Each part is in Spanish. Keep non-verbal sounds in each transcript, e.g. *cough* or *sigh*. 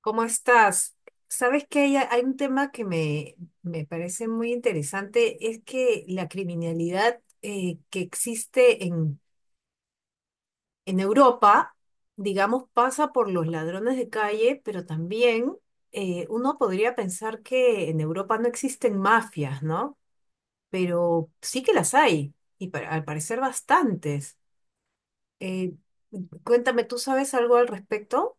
¿Cómo estás? Sabes que hay un tema que me parece muy interesante, es que la criminalidad que existe en Europa, digamos, pasa por los ladrones de calle, pero también uno podría pensar que en Europa no existen mafias, ¿no? Pero sí que las hay, y al parecer bastantes. Eh, Cuéntame, ¿tú sabes algo al respecto?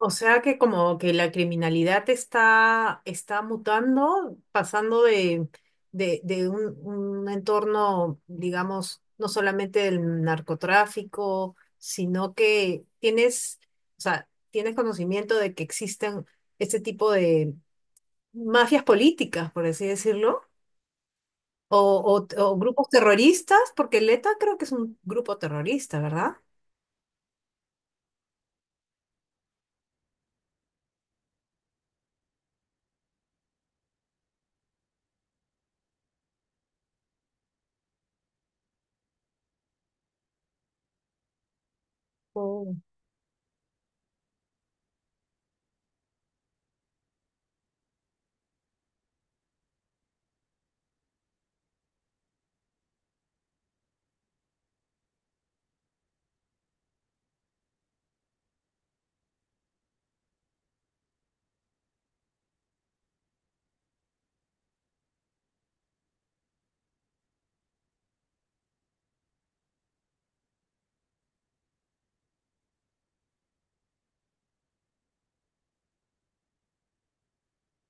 O sea que como que la criminalidad está mutando, pasando de un entorno, digamos, no solamente del narcotráfico, sino que tienes, o sea, tienes conocimiento de que existen este tipo de mafias políticas, por así decirlo, o, o grupos terroristas, porque el ETA creo que es un grupo terrorista, ¿verdad? Oh,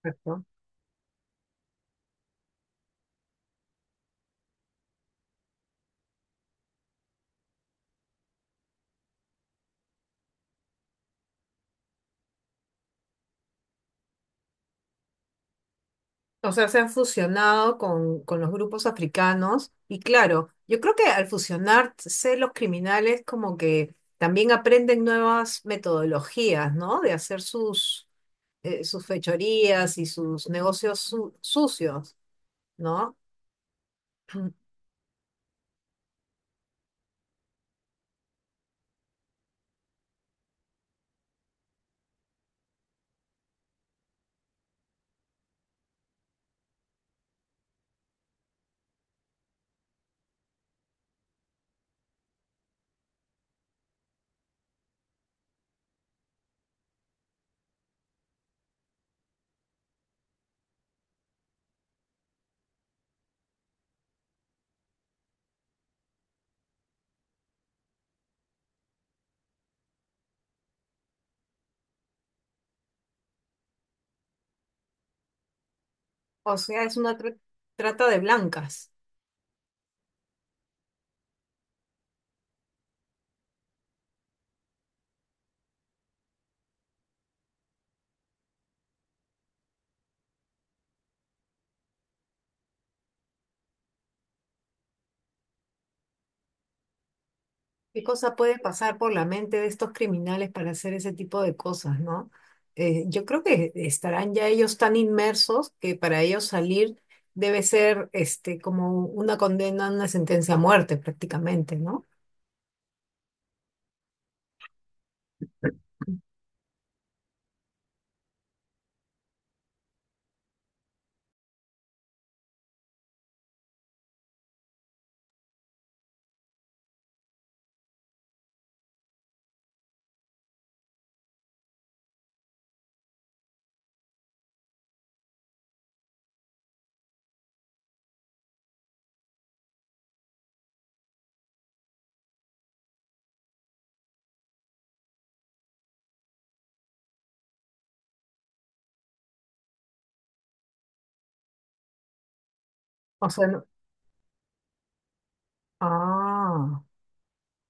perfecto. O sea, se han fusionado con los grupos africanos y claro, yo creo que al fusionarse los criminales como que también aprenden nuevas metodologías, ¿no? De hacer sus fechorías y sus negocios sucios, ¿no? *clears throat* O sea, es una trata de blancas. ¿Qué cosa puede pasar por la mente de estos criminales para hacer ese tipo de cosas, ¿no? Yo creo que estarán ya ellos tan inmersos que para ellos salir debe ser este, como una condena, una sentencia a muerte prácticamente, ¿no? O sea, ah.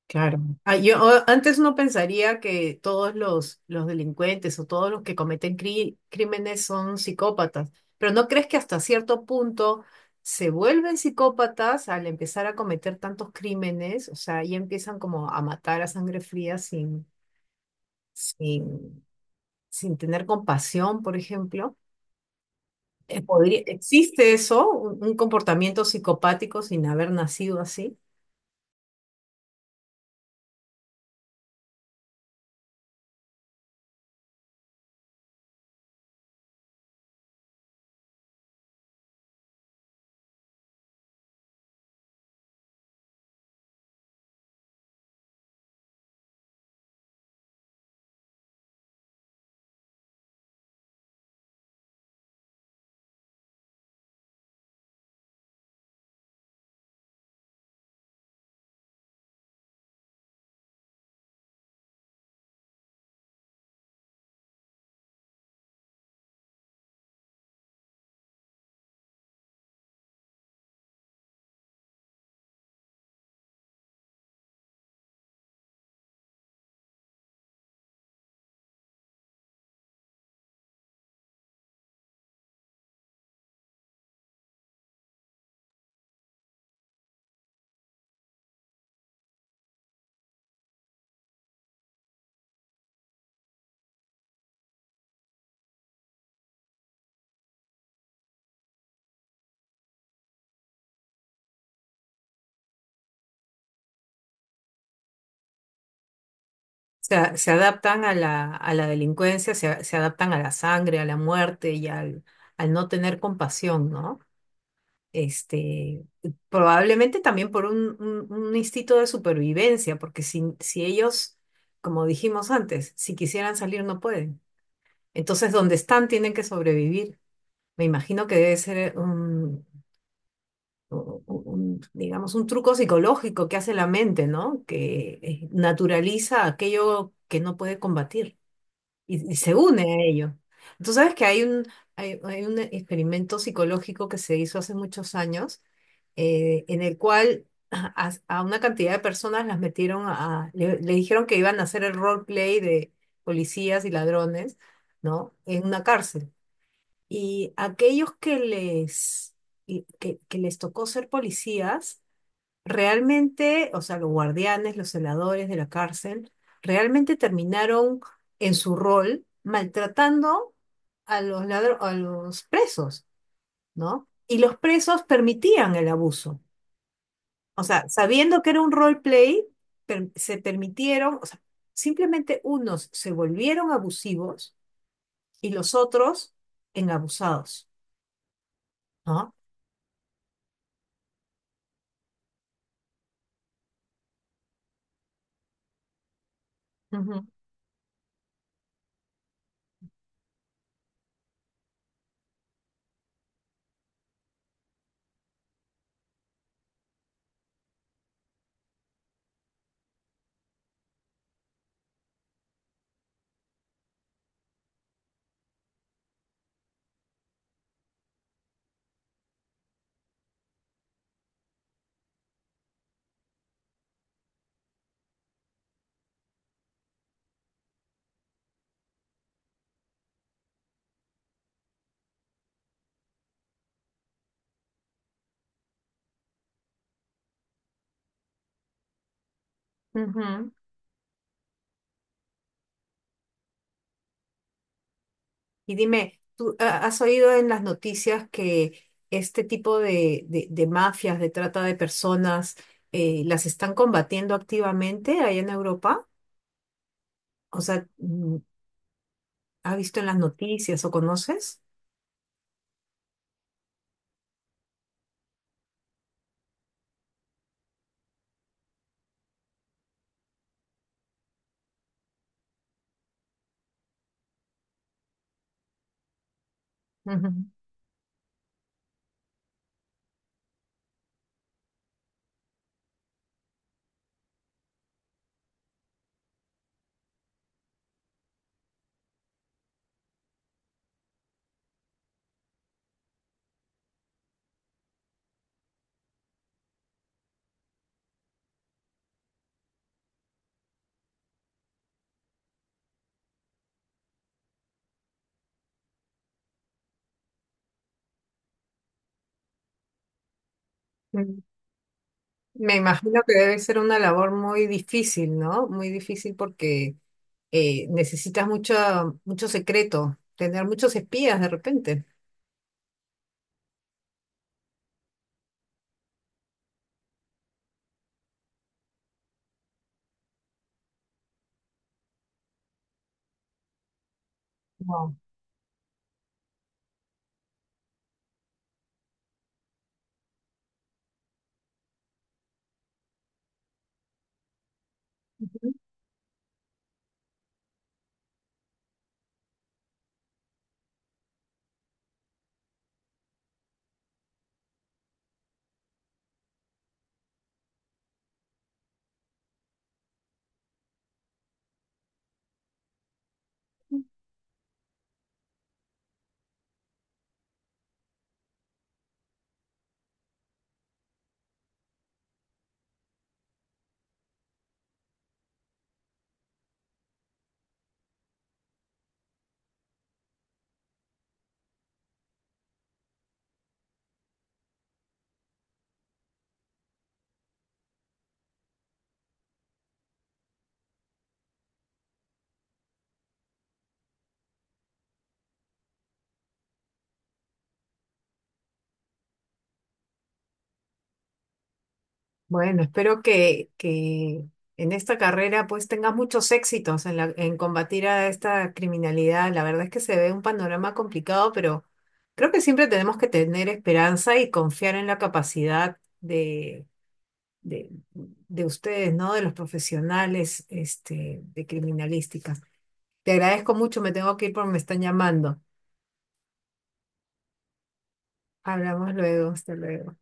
Claro. Ah, antes no pensaría que todos los delincuentes o todos los que cometen crímenes son psicópatas, pero ¿no crees que hasta cierto punto se vuelven psicópatas al empezar a cometer tantos crímenes? O sea, ya empiezan como a matar a sangre fría sin, sin tener compasión, por ejemplo. ¿Existe eso, un comportamiento psicopático sin haber nacido así? Se adaptan a a la delincuencia, se adaptan a la sangre, a la muerte y al no tener compasión, ¿no? Este, probablemente también por un instinto de supervivencia, porque si ellos, como dijimos antes, si quisieran salir no pueden. Entonces, donde están tienen que sobrevivir. Me imagino que debe ser digamos, un truco psicológico que hace la mente, ¿no? Que naturaliza aquello que no puede combatir. Y se une a ello. Tú sabes que hay un experimento psicológico que se hizo hace muchos años, en el cual *clears throat* a una cantidad de personas las metieron a, le dijeron que iban a hacer el roleplay de policías y ladrones, ¿no? En una cárcel. Y aquellos que que les tocó ser policías, realmente, o sea, los guardianes, los celadores de la cárcel, realmente terminaron en su rol maltratando a los a los presos, ¿no? Y los presos permitían el abuso. O sea, sabiendo que era un roleplay, se permitieron, o sea, simplemente unos se volvieron abusivos y los otros en abusados, ¿no? Ujú, ujú. Y dime, ¿tú has oído en las noticias que este tipo de mafias, de trata de personas, las están combatiendo activamente allá en Europa? O sea, mm, ¿has visto en las noticias o conoces? Ujú. Mm. Me imagino que debe ser una labor muy difícil, ¿no? Muy difícil porque necesitas mucho secreto, tener muchos espías de repente. No. Bueno, espero que en esta carrera pues tengas muchos éxitos en en combatir a esta criminalidad. La verdad es que se ve un panorama complicado, pero creo que siempre tenemos que tener esperanza y confiar en la capacidad de ustedes, ¿no? De los profesionales, este, de criminalística. Te agradezco mucho, me tengo que ir porque me están llamando. Hablamos luego, hasta luego.